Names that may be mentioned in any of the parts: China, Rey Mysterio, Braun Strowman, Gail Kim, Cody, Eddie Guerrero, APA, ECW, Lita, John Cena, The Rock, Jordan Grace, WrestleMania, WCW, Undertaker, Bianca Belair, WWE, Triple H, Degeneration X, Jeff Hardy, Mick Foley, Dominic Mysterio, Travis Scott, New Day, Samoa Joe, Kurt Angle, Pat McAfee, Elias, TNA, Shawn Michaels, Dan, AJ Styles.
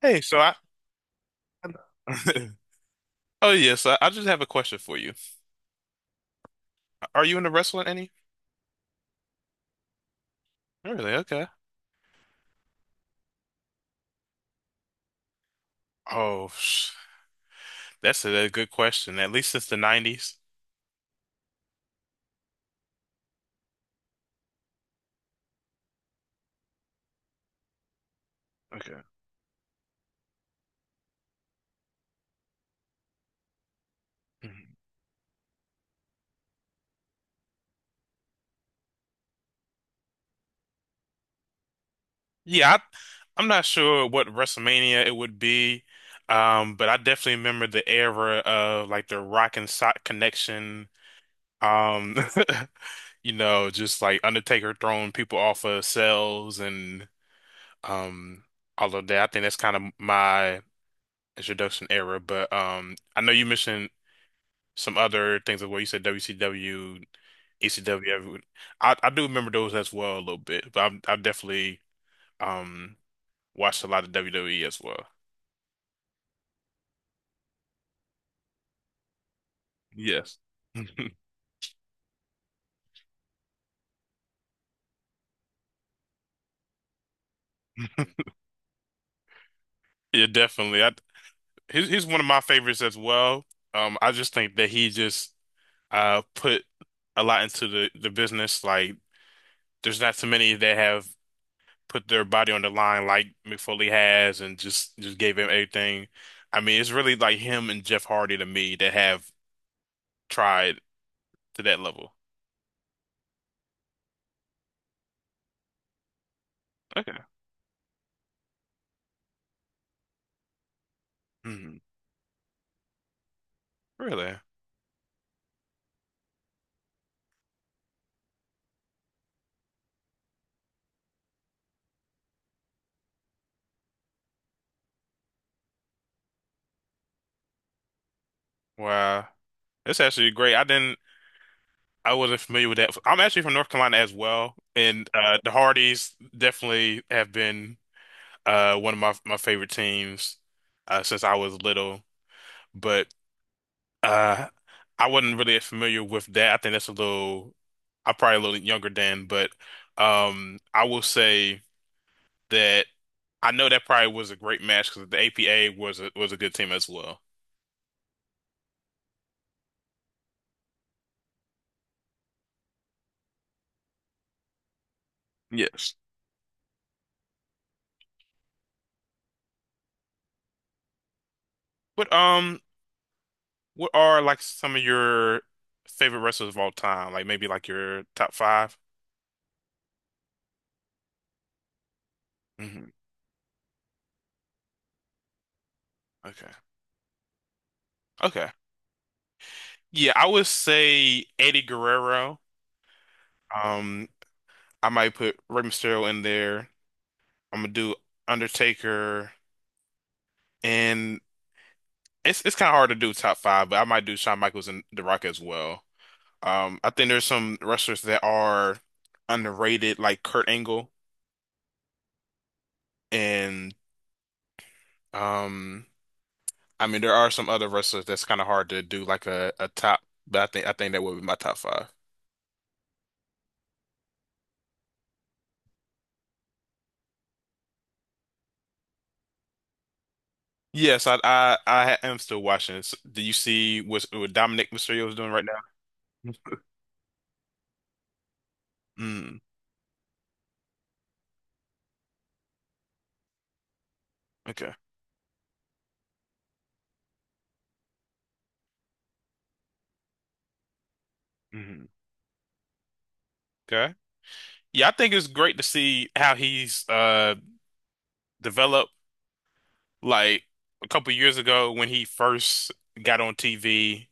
Hey, oh yes, I just have a question for you. Are you into wrestling any? Really? Okay. Oh, that's a good question. At least since the '90s. Okay. Mhm. Yeah, I, I'm not sure what WrestleMania it would be, but I definitely remember the era of like the Rock and Sock connection. Um, just like Undertaker throwing people off of cells and um all of that. I think that's kind of my introduction era, but I know you mentioned some other things as well. You said WCW, ECW. I do remember those as well a little bit, but I've definitely um watched a lot of WWE as well. Yes. Yeah, definitely. I He's one of my favorites as well. I just think that he just put a lot into the business. Like, there's not too many that have put their body on the line like Mick Foley has and just gave him everything. I mean, it's really like him and Jeff Hardy to me that have tried to that level. Okay. Mhm. Really? Wow. That's actually great. I wasn't familiar with that. I'm actually from North Carolina as well, and the Hardys definitely have been one of my favorite teams since I was little. But Uh, I wasn't really familiar with that. I think that's a little, I'm probably a little younger than, but I will say that I know that probably was a great match because the APA was was a good team as well. Yes. But what are like some of your favorite wrestlers of all time? Like maybe like your top five? Hmm. Okay. Okay. Yeah, I would say Eddie Guerrero. Um, I might put Rey Mysterio in there. I'm gonna do Undertaker, and it's kind of hard to do top five, but I might do Shawn Michaels and The Rock as well. I think there's some wrestlers that are underrated, like Kurt Angle, and um, I mean there are some other wrestlers that's kind of hard to do like a top, but I think that would be my top five. Yes, I am still watching this. Do you see what Dominic Mysterio is doing right now? Mm, okay. Mhm. Okay. Yeah, I think it's great to see how he's developed. Like a couple years ago when he first got on TV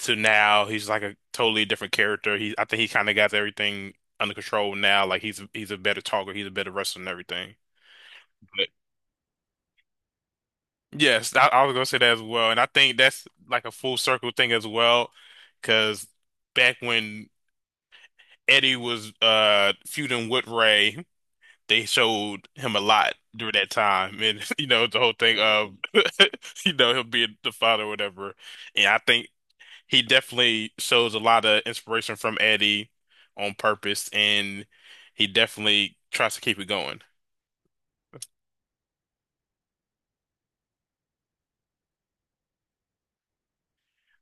to now, he's like a totally different character. He I think he kind of got everything under control now. Like he's a better talker, he's a better wrestler and everything. But yes, I was gonna say that as well, and I think that's like a full circle thing as well, because back when Eddie was feuding with Ray. They showed him a lot during that time, and you know the whole thing of you know him being the father or whatever. And I think he definitely shows a lot of inspiration from Eddie on purpose, and he definitely tries to keep it going.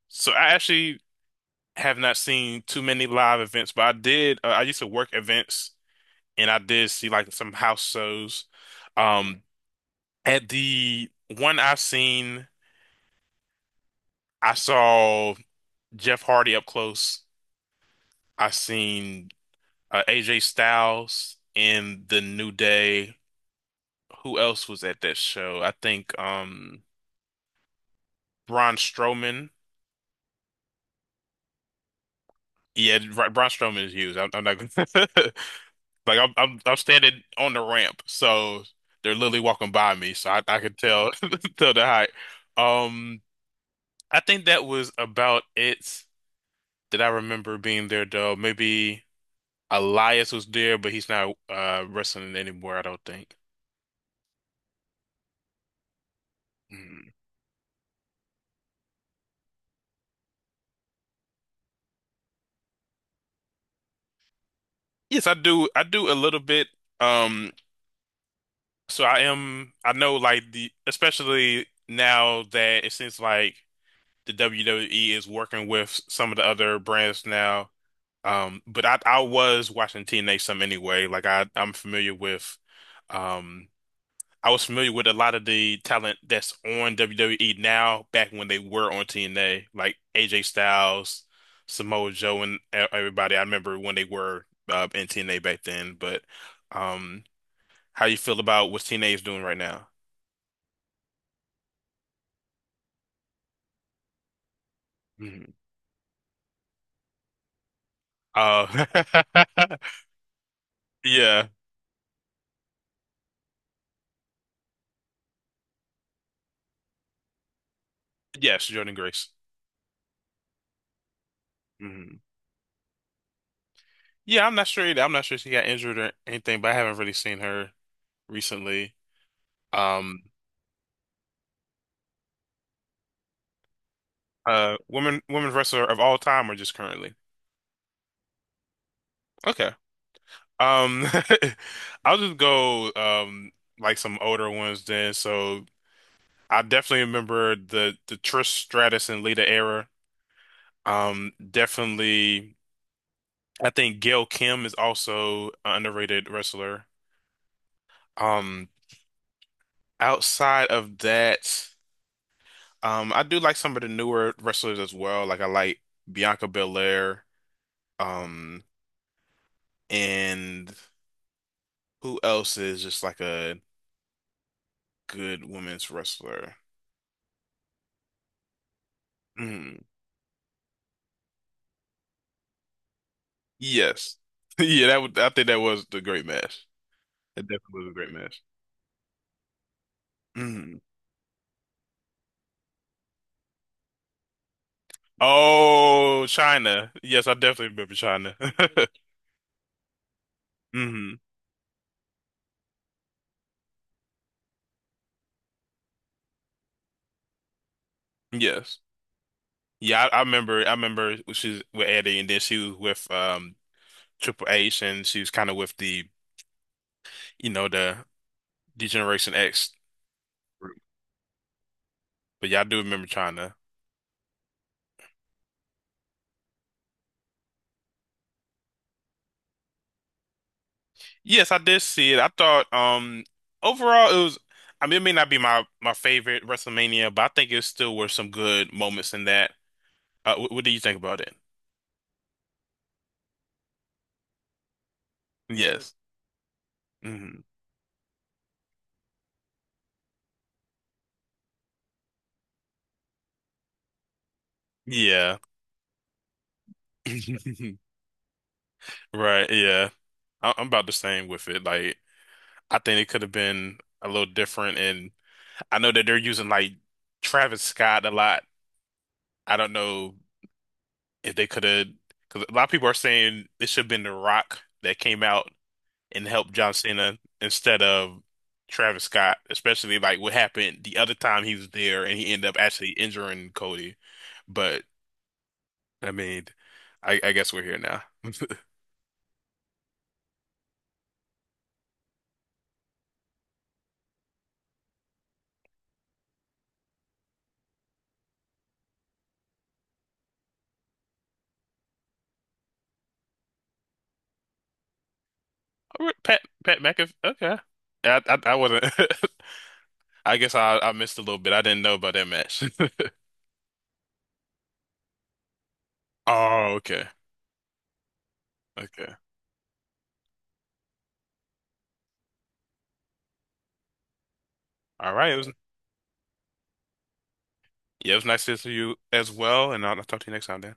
So I actually have not seen too many live events, but I did. I used to work events, and I did see like some house shows. Um, at the one I have seen, I saw Jeff Hardy up close. I seen AJ Styles in the New Day. Who else was at that show? I think. Braun Strowman. Yeah, Braun Strowman is huge. I'm not gonna like I'm standing on the ramp, so they're literally walking by me, so I could tell tell the height. Um, I think that was about it that I remember being there though. Maybe Elias was there, but he's not wrestling anymore, I don't think. Mm. Yes, I do. I do a little bit. Um, so I am. I know, like the especially now that it seems like the WWE is working with some of the other brands now. But I was watching TNA some anyway. Like I'm familiar with, um, I was familiar with a lot of the talent that's on WWE now. Back when they were on TNA, like AJ Styles, Samoa Joe, and everybody. I remember when they were in TNA back then. But um, how you feel about what TNA is doing right now? Mhm. Uh, yeah. Yes, Jordan Grace. Yeah, I'm not sure either. I'm not sure she got injured or anything, but I haven't really seen her recently. Um, women wrestler of all time or just currently? Okay. Um, I'll just go like some older ones then. So I definitely remember the Trish Stratus and Lita era. Definitely, I think Gail Kim is also an underrated wrestler. Um, Outside of that. I do like some of the newer wrestlers as well. Like I like Bianca Belair, um, and who else is just like a good women's wrestler? Mm, yes. Yeah, that would I think that was the great match. That definitely was a great match. Mm. Oh, China. Yes, I definitely remember China. Hmm. Yes. Yeah, I remember she was with Eddie and then she was with Triple H and she was kind of with the you know the Degeneration X. But yeah, I do remember trying to. Yes, I did see it. I thought overall it was, I mean it may not be my favorite WrestleMania, but I think it still were some good moments in that. What do you think about it? Yes. Hmm. Yeah. Right, yeah. I I'm about the same with it. Like I think it could have been a little different and I know that they're using like Travis Scott a lot. I don't know if they could have because a lot of people are saying it should have been The Rock that came out and help John Cena instead of Travis Scott, especially like what happened the other time he was there and he ended up actually injuring Cody. But I mean, I guess we're here now. All right, Pat McAfee. Okay, I wasn't. I guess I missed a little bit. I didn't know about that match. Oh, okay, okay. All right. It was, yeah, it was nice to see you as well, and I'll talk to you next time, Dan.